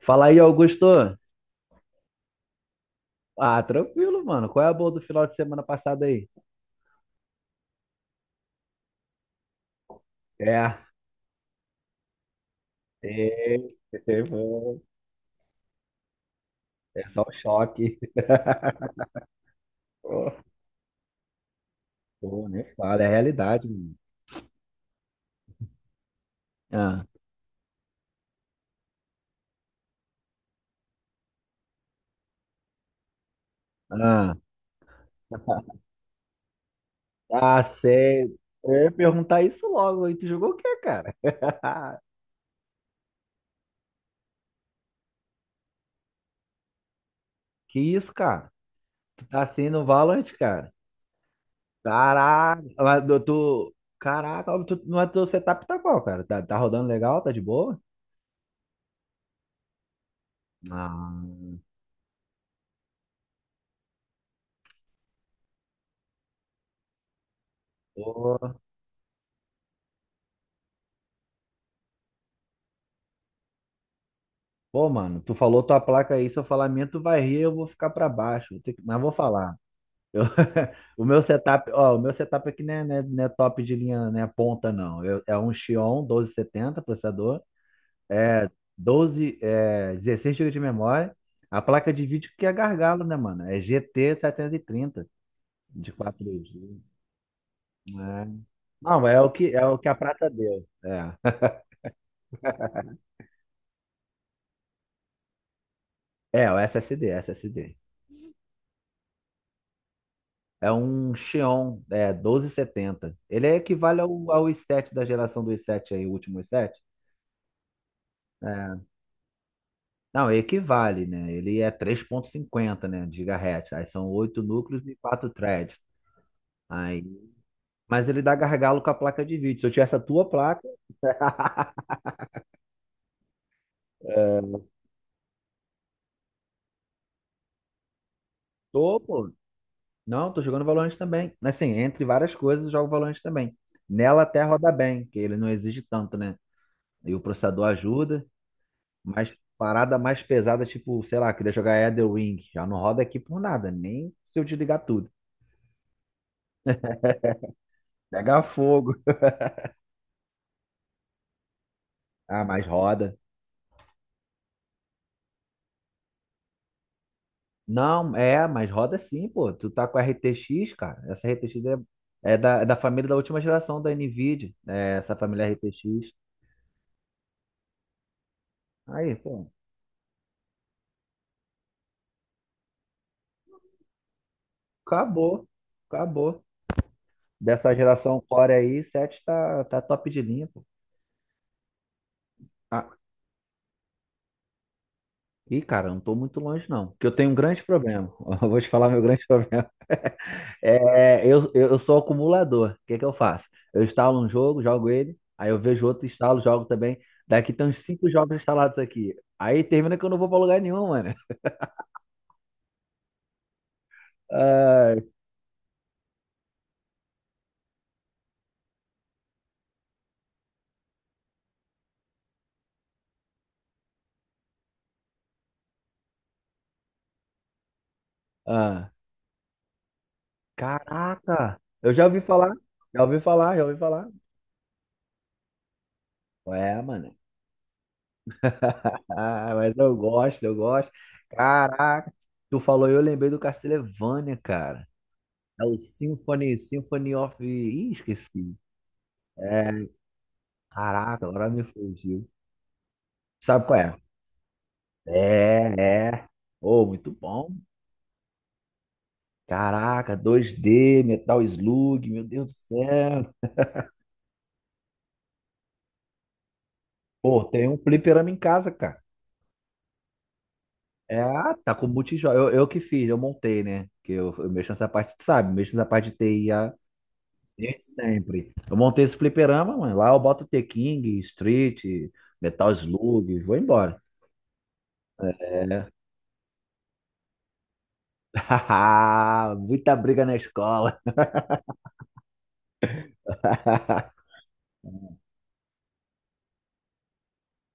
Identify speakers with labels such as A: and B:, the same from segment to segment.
A: Fala aí, Augusto. Tranquilo, mano. Qual é a boa do final de semana passado aí? É, teve, teve, é só um choque. Pô, pô, nem fala, é a realidade, mano. Ah, ah, ah, sei. Eu ia perguntar isso logo. E tu jogou o quê, cara? Que isso, cara? Tu tá assim no Valorant, cara? Caraca, Caraca, tu, mas teu setup tá qual, cara? Tá, tá rodando legal? Tá de boa? Ah, Pô, mano, tu falou tua placa aí, se eu falar minha, tu vai rir, eu vou ficar pra baixo, mas vou falar. Eu- o meu setup, ó, o meu setup aqui não é top de linha, não é ponta, não. É um Xeon 1270 processador, é é 16 GB de memória. A placa de vídeo que é gargalo, né, mano? É GT trinta de quatro g né? Não, é o que a prata deu. É, é o SSD. É um Xeon, é 1270. Ele é equivale ao, ao i7 da geração do i7 aí, o último i7. É, não, equivale, né? Ele é 3.50, né, de gigahertz. Aí são oito núcleos e quatro threads. Aí, mas ele dá gargalo com a placa de vídeo. Se eu tivesse a tua placa, tô, pô. Não, tô jogando Valorant também. Assim, entre várias coisas, eu jogo Valorant também. Nela até roda bem, que ele não exige tanto, né? E o processador ajuda. Mas parada mais pesada, tipo, sei lá, queria jogar Elden Ring. Já não roda aqui por nada, nem se eu desligar tudo. Pega fogo. Ah, mas roda. Não, é, mas roda sim, pô. Tu tá com a RTX, cara. É da, da família da última geração da NVIDIA. É, essa família RTX. Aí, pô, acabou. Acabou. Dessa geração Core aí, 7 tá top de linha, pô. Ah, e, cara, eu não tô muito longe, não. Porque eu tenho um grande problema. Eu vou te falar meu grande problema. Eu sou acumulador. O que que eu faço? Eu instalo um jogo, jogo ele, aí eu vejo outro, instalo, jogo também. Daqui tem uns cinco jogos instalados aqui. Aí termina que eu não vou pra lugar nenhum, mano. Ai, ah, caraca! Eu já ouvi falar, já ouvi falar, já ouvi falar. É, mano. Ah, mas eu gosto, eu gosto. Caraca! Tu falou, eu lembrei do Castlevania, cara. É o Symphony of... Ih, esqueci. É, Caraca, agora me fugiu. Sabe qual é? É, é. Oh, muito bom. Caraca, 2D, Metal Slug, meu Deus do céu. Pô, tem um fliperama em casa, cara. É, ah, tá com multijogo. Eu que fiz, eu montei, né? Eu mexo nessa parte, tu sabe, mexo nessa parte desde sempre. Eu montei esse fliperama, mano. Lá eu boto The King, Street, Metal Slug, vou embora. É. Muita briga na escola.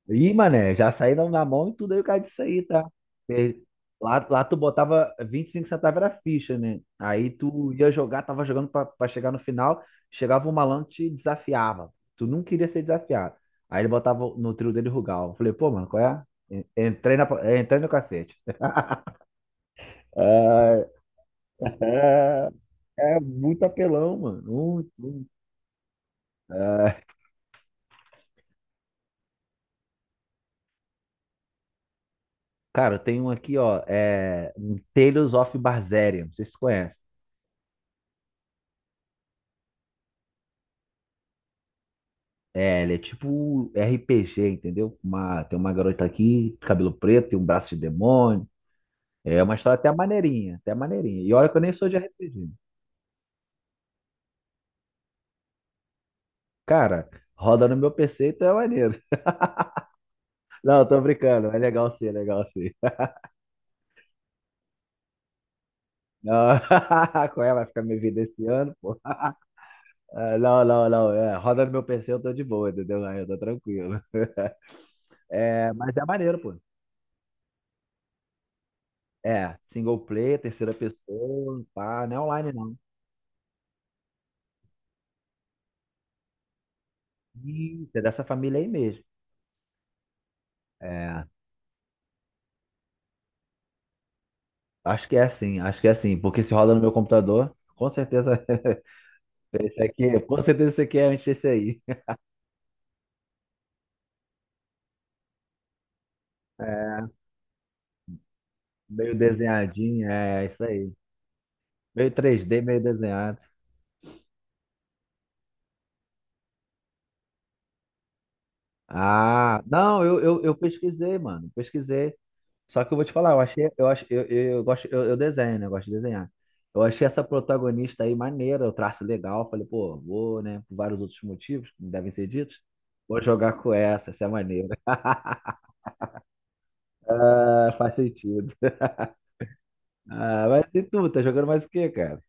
A: Ih, mané, já saíram na mão e tudo aí o cara disso aí, tá? E lá tu botava 25 centavos era ficha, né? Aí tu ia jogar, tava jogando pra chegar no final, chegava um malandro e te desafiava. Tu não queria ser desafiado. Aí ele botava no trio dele Rugal. Eu falei, pô, mano, qual é? Entrei no cacete. É, é muito apelão, mano. Muito, muito. É. Cara, tem um aqui, ó. É, um Tales of Berseria. Não sei se tu conhece. É, ele é tipo RPG, entendeu? Tem uma garota aqui, cabelo preto, tem um braço de demônio. É uma história até maneirinha, até maneirinha. E olha que eu nem sou de RPG. Cara, roda no meu PC, então é maneiro. Não, tô brincando. É legal sim, é legal sim. Não, qual é? Vai ficar minha vida esse ano, pô. Ah, não. É, roda no meu PC, eu tô de boa, entendeu? Aí eu tô tranquilo. É, mas é maneiro, pô. É, single player, terceira pessoa, pá, não é online não. Ih, é dessa família aí mesmo. É, acho que é assim, porque se roda no meu computador, com certeza esse aqui, com certeza esse aqui é antes desse aí. É, é é isso aí. Meio 3D, meio desenhado. Ah, não, eu pesquisei, mano, pesquisei. Só que eu vou te falar, eu gosto, eu desenho, né? Eu gosto de desenhar. Eu achei essa protagonista aí maneira, o traço legal. Eu falei, pô, vou, né? Por vários outros motivos que devem ser ditos, vou jogar com essa é maneira. Ah, faz sentido. Ah, mas e tu? Tá jogando mais o quê, cara?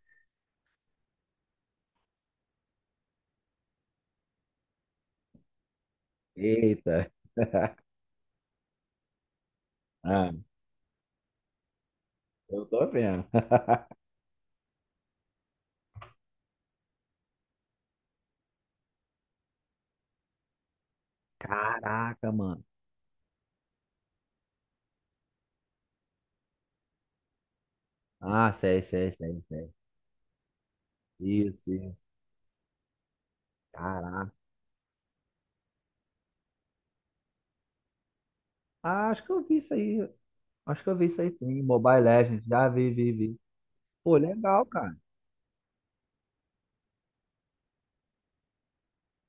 A: Eita. Ah, eu tô vendo. Caraca, mano. Sei. Isso, isso. Caraca. Ah, acho que eu vi isso aí. Acho que eu vi isso aí sim. Mobile Legends. Vi. Pô, legal, cara.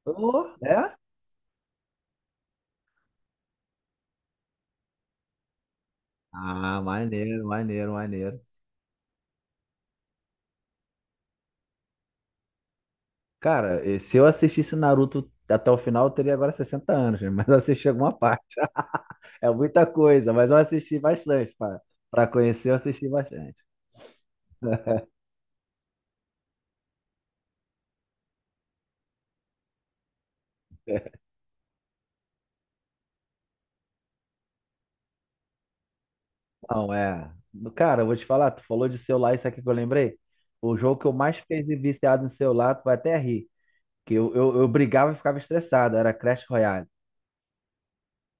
A: Ô, é? Maneiro. Cara, se eu assistisse Naruto até o final, eu teria agora 60 anos, né? mas eu assisti alguma parte. É muita coisa, mas eu assisti bastante. Pra conhecer, eu assisti bastante. Não, é. Cara, eu vou te falar, tu falou de celular, isso aqui que eu lembrei. O jogo que eu mais fiquei viciado em celular, tu vai até rir. Eu brigava e ficava estressado, era Crash Royale.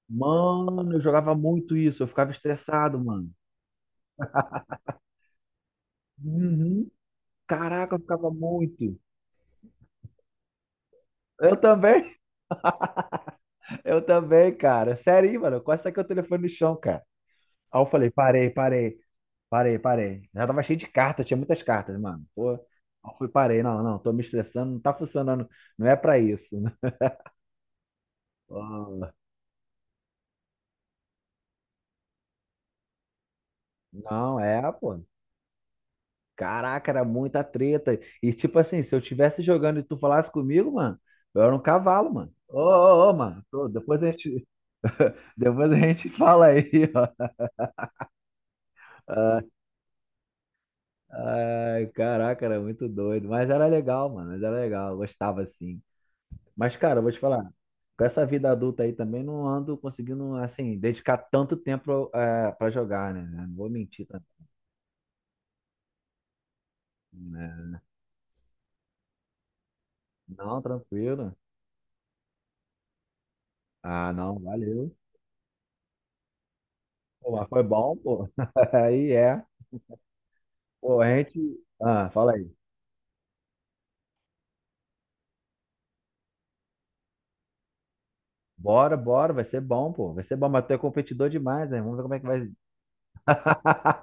A: Mano, eu jogava muito isso, eu ficava estressado, mano. Uhum. Caraca, eu ficava muito. Eu também, eu também, cara. Sério, aí, mano, eu quase saquei o telefone no chão, cara. Aí eu falei, parei, parei. Já tava cheio de cartas, tinha muitas cartas, mano. Pô, aí eu fui, parei, não, não, tô me estressando, não tá funcionando, não é pra isso. Ah, Não, é, pô. Caraca, era muita treta. E tipo assim, se eu estivesse jogando e tu falasse comigo, mano, eu era um cavalo, mano. Ô, mano, depois a gente, depois a gente fala aí, ó. Ah, Ai, caraca, era muito doido. Mas era legal, mano, mas era legal, eu gostava assim. Mas, cara, eu vou te falar, com essa vida adulta aí também não ando conseguindo, assim, dedicar tanto tempo pra jogar, né? Não vou mentir, tá? Né? Não, tranquilo. Ah, não, valeu. Pô, mas foi bom, pô. Aí é. Pô, a gente. Ah, fala aí. Bora, vai ser bom, pô. Vai ser bom, mas tu é competidor demais, né? Vamos ver como é que vai.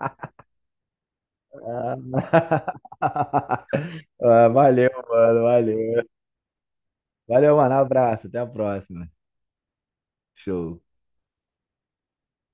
A: Ah, valeu, mano, valeu. Valeu, mano. Abraço, até a próxima. Show.